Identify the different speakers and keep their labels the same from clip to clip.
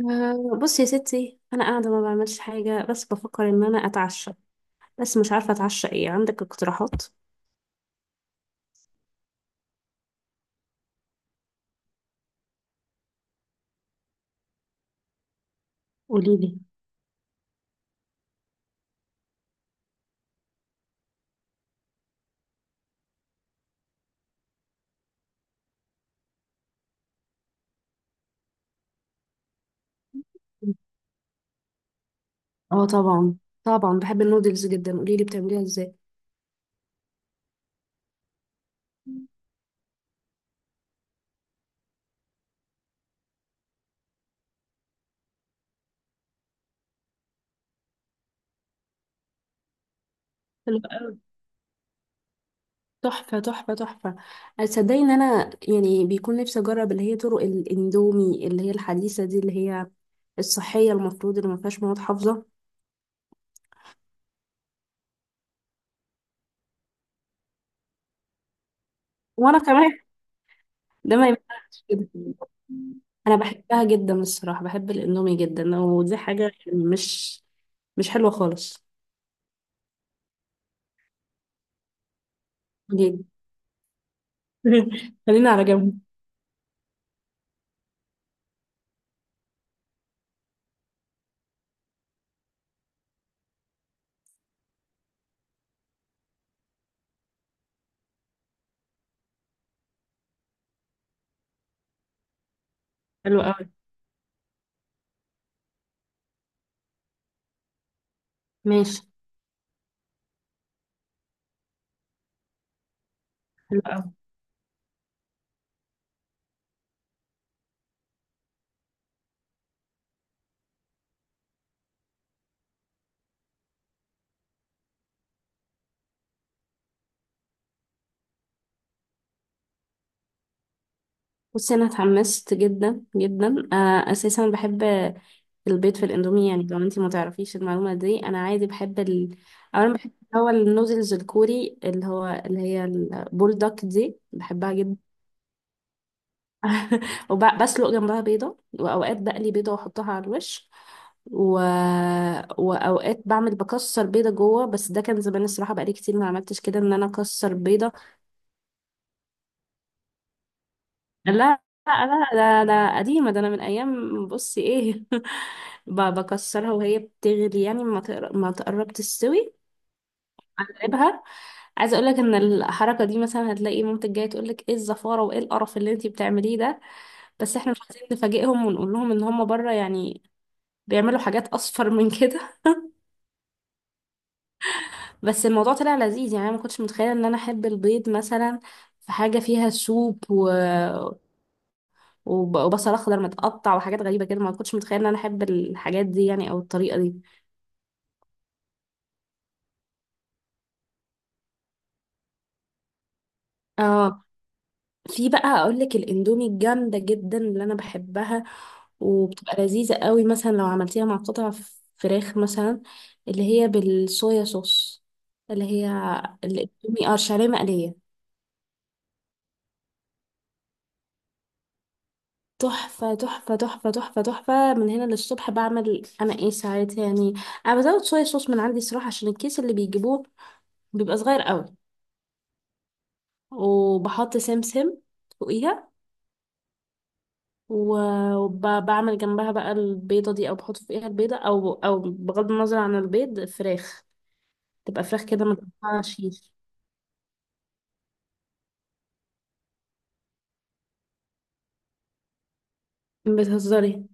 Speaker 1: أه، بصي يا ستي، انا قاعده ما بعملش حاجه، بس بفكر ان انا اتعشى. بس مش عارفه اتعشى ايه؟ عندك اقتراحات؟ قولي لي. اه، طبعا طبعا بحب النودلز جدا. قولي لي بتعمليها ازاي؟ حلو أوي. تحفه تحفه تحفه. تصدقي ان انا يعني بيكون نفسي اجرب اللي هي طرق الاندومي اللي هي الحديثه دي اللي هي الصحيه المفروض اللي ما فيهاش مواد حافظه. وانا كمان. ده ما ينفعش كده. انا بحبها جدا الصراحه، بحب الاندومي جدا، ودي حاجه مش حلوه خالص. جدا. خلينا على جنب. حلو قوي. ماشي. حلو قوي. بصي، انا اتحمست جدا جدا. انا اساسا بحب البيض في الاندومي، يعني لو انتي ما تعرفيش المعلومه دي، انا عادي بحب اولا بحب اللي هو النودلز الكوري، اللي هي البولدك دي، بحبها جدا. وبسلق جنبها بيضة، وأوقات بقلي بيضة وأحطها على الوش. و... وأوقات بكسر بيضة جوه، بس ده كان زمان الصراحة، بقالي كتير ما عملتش كده إن أنا أكسر بيضة. لا لا لا، ده قديمة، ده أنا من أيام. بصي إيه. بكسرها وهي بتغلي، يعني ما تقرب تستوي، أقلبها. عايزة أقولك إن الحركة دي مثلا هتلاقي مامتك جاية تقولك إيه الزفارة وإيه القرف اللي أنتي بتعمليه ده. بس إحنا مش عايزين نفاجئهم ونقول لهم إن هم بره يعني بيعملوا حاجات اصفر من كده. بس الموضوع طلع لذيذ يعني، انا ما كنتش متخيله ان انا احب البيض مثلا في حاجه فيها سوب، وبصل اخضر متقطع وحاجات غريبه كده، ما كنتش متخيله ان انا احب الحاجات دي يعني، او الطريقه دي. اه. في بقى اقول لك الاندومي الجامده جدا اللي انا بحبها، وبتبقى لذيذه قوي مثلا لو عملتيها مع قطع فراخ مثلا، اللي هي بالصويا صوص، اللي هي الاندومي، اه الشعريه مقليه. تحفة تحفة تحفة تحفة تحفة من هنا للصبح. بعمل أنا إيه ساعات يعني، أنا بزود شوية صوص من عندي صراحة عشان الكيس اللي بيجيبوه بيبقى صغير قوي، وبحط سمسم فوقيها، وبعمل جنبها بقى البيضة دي، أو بحط فوقيها البيضة، أو بغض النظر عن البيض، فراخ تبقى فراخ كده متقطعة شيش. بتهزري؟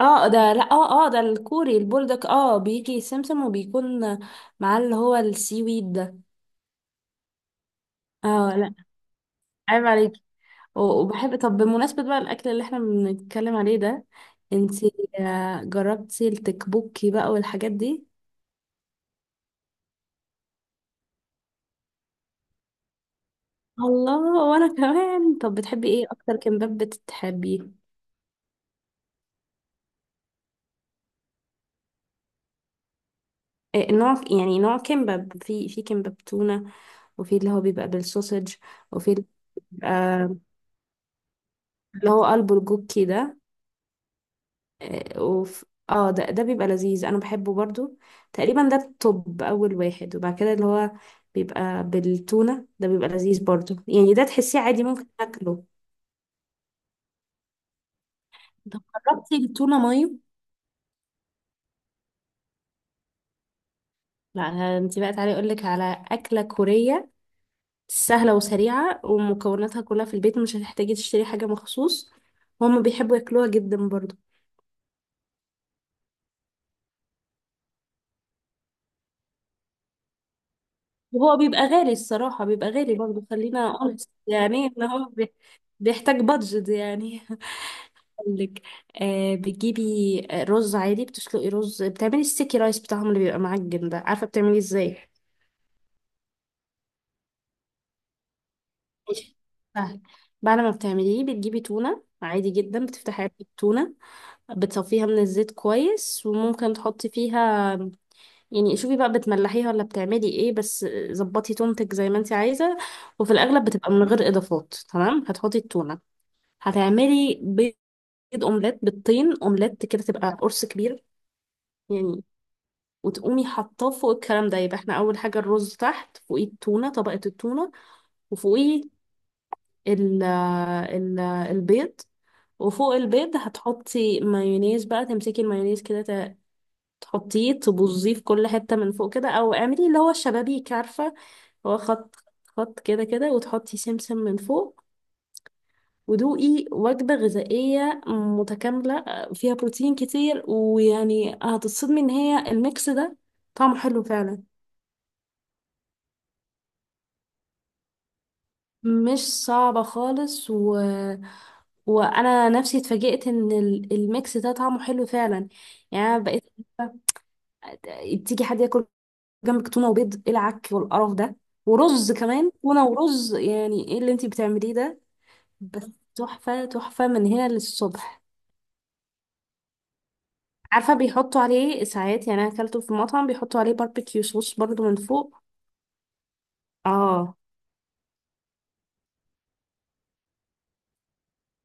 Speaker 1: اه، ده لا، اه اه ده الكوري البولدك، اه بيجي سمسم وبيكون معاه اللي هو السي ويد ده. اه، لا. عيب عليك. وبحب. طب بمناسبة بقى الأكل اللي احنا بنتكلم عليه ده، انتي جربتي التكبوكي بقى والحاجات دي؟ الله، وانا كمان. طب بتحبي ايه اكتر كمباب بتحبيه؟ إيه نوع، يعني نوع كمباب، في كمباب تونة، وفي اللي هو بيبقى بالسوسج، وفي اللي بيبقى اللي هو قلبه الجوكي ده. آه، وف... اه، ده بيبقى لذيذ انا بحبه برضو، تقريبا ده، الطب، اول واحد. وبعد كده اللي هو بيبقى بالتونة ده بيبقى لذيذ برضو يعني، ده تحسيه عادي ممكن اكله. طب جربتي التونة مايو؟ لا. انت بقى تعالي اقول لك على أكلة كورية سهلة وسريعة، ومكوناتها كلها في البيت، مش هتحتاجي تشتري حاجة مخصوص، وهم بيحبوا ياكلوها جدا برضو. وهو بيبقى غالي الصراحة، بيبقى غالي برضو، خلينا honest، يعني ان هو بيحتاج بادجت يعني. لك، بتجيبي رز عادي، بتسلقي رز، بتعملي السيكي رايس بتاعهم اللي بيبقى معجن ده، عارفه بتعمليه ازاي؟ ماشي. سهل. بعد ما بتعمليه بتجيبي تونه عادي جدا، بتفتحي علبه التونه، بتصفيها من الزيت كويس، وممكن تحطي فيها يعني، شوفي بقى بتملحيها ولا بتعملي ايه، بس ظبطي تونتك زي ما انت عايزه. وفي الاغلب بتبقى من غير اضافات. تمام، هتحطي التونه، هتعملي بيض اومليت بالطين، اومليت كده تبقى قرص كبير يعني، وتقومي حاطاه فوق الكلام ده. يبقى احنا اول حاجه الرز تحت، فوقيه التونه طبقه التونه، وفوقيه ال البيض، وفوق البيض هتحطي مايونيز بقى، تمسكي المايونيز كده تحطيه تبوظيه في كل حته من فوق كده، او اعملي اللي هو الشبابيك عارفه، هو خط خط كده كده، وتحطي سمسم من فوق، ودوقي وجبة غذائية متكاملة فيها بروتين كتير، ويعني هتتصدمي ان هي الميكس ده طعمه حلو فعلا. مش صعبة خالص. وأنا نفسي اتفاجئت إن الميكس ده طعمه حلو فعلا. يعني أنا بقيت تيجي حد ياكل جنبك تونة وبيض، إيه العك والقرف ده؟ ورز كمان، تونة ورز يعني، إيه اللي أنتي بتعمليه ده؟ بس تحفة تحفة من هنا للصبح. عارفة بيحطوا عليه ساعات، يعني أنا أكلته في مطعم بيحطوا عليه باربيكيو صوص برضو من فوق. اه.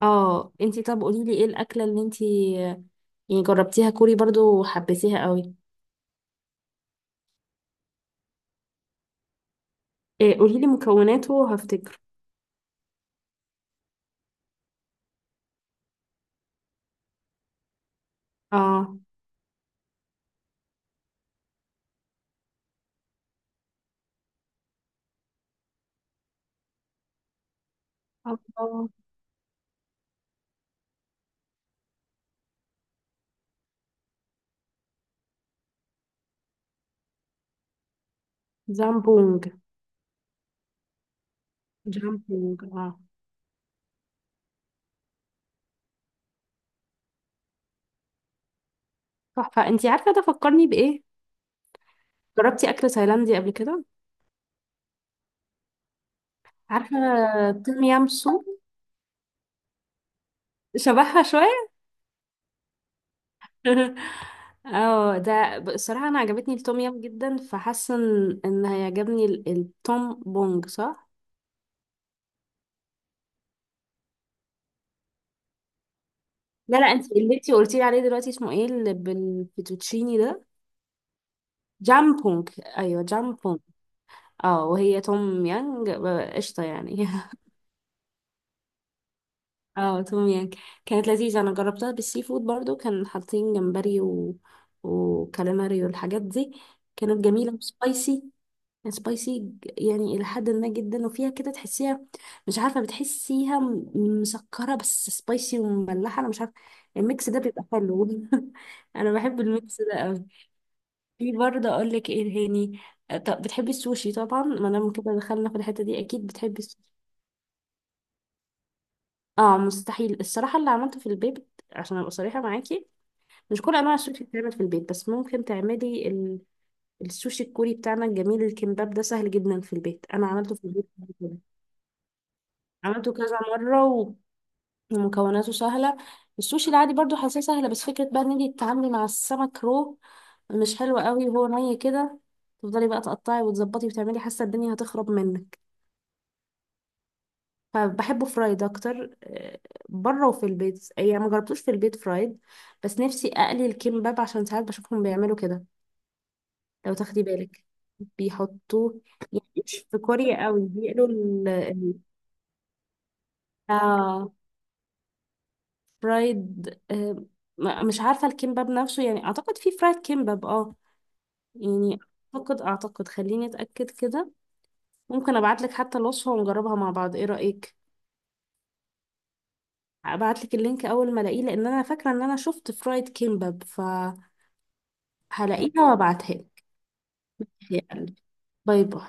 Speaker 1: اه، انتي طب قوليلي ايه الأكلة اللي انتي يعني جربتيها كوري برضو وحبيتيها قوي؟ إيه، قولي لي مكوناته وهفتكر. اه. الله. جامبونج. جامبونج، اه. تحفة، انتي عارفة ده فكرني بإيه؟ جربتي أكل تايلاندي قبل كده؟ عارفة توم يام سوب؟ شبهها شوية. اه، ده بصراحة أنا عجبتني التوم يام جدا، فحاسة إن هيعجبني التوم بونج، صح؟ لا لا، انتي اللي انتي قلتيلي عليه دلوقتي اسمه ايه اللي بالفيتوتشيني ده؟ جامبونج. ايوه جامبونج. اه، وهي توم يانج، قشطة يعني. اه توم يانج كانت لذيذة، انا جربتها بالسي فود برضو، كان حاطين جمبري وكاليماري والحاجات دي. كانت جميلة وسبايسي، سبايسي يعني إلى حد ما جدا، وفيها كده تحسيها، مش عارفة، بتحسيها مسكرة بس سبايسي ومملحة، أنا مش عارفة. الميكس ده بيبقى حلو. أنا بحب الميكس ده أوي. في برضه أقول لك إيه هاني، طب بتحبي السوشي طبعا ما دام كده دخلنا في الحتة دي، أكيد بتحبي السوشي. اه، مستحيل الصراحة اللي عملته في البيت، عشان ابقى صريحة معاكي، مش كل انواع السوشي بتتعمل في البيت، بس ممكن تعملي السوشي الكوري بتاعنا الجميل، الكمباب ده سهل جدا في البيت، انا عملته في البيت قبل كده، عملته كذا مره، ومكوناته سهله. السوشي العادي برضو حاساه سهله، بس فكره بقى ان انتي تتعاملي مع السمك رو مش حلوه قوي، وهو ني كده، تفضلي بقى تقطعي وتظبطي وتعملي، حاسه الدنيا هتخرب منك. فبحبه فرايد اكتر بره، وفي البيت يعني ما جربتوش في البيت فرايد، بس نفسي اقلي الكمباب عشان ساعات بشوفهم بيعملوا كده، لو تاخدي بالك بيحطوه، مش في كوريا قوي بيقلوا آه فرايد، مش عارفة الكيمباب نفسه يعني، أعتقد في فرايد كيمباب اه. يعني أعتقد خليني أتأكد كده، ممكن أبعتلك حتى الوصفة ونجربها مع بعض، إيه رأيك؟ هبعتلك اللينك أول ما ألاقيه لأن أنا فاكرة إن أنا شفت فرايد كيمباب، فهلاقيها وأبعتها لك. يلا، باي باي.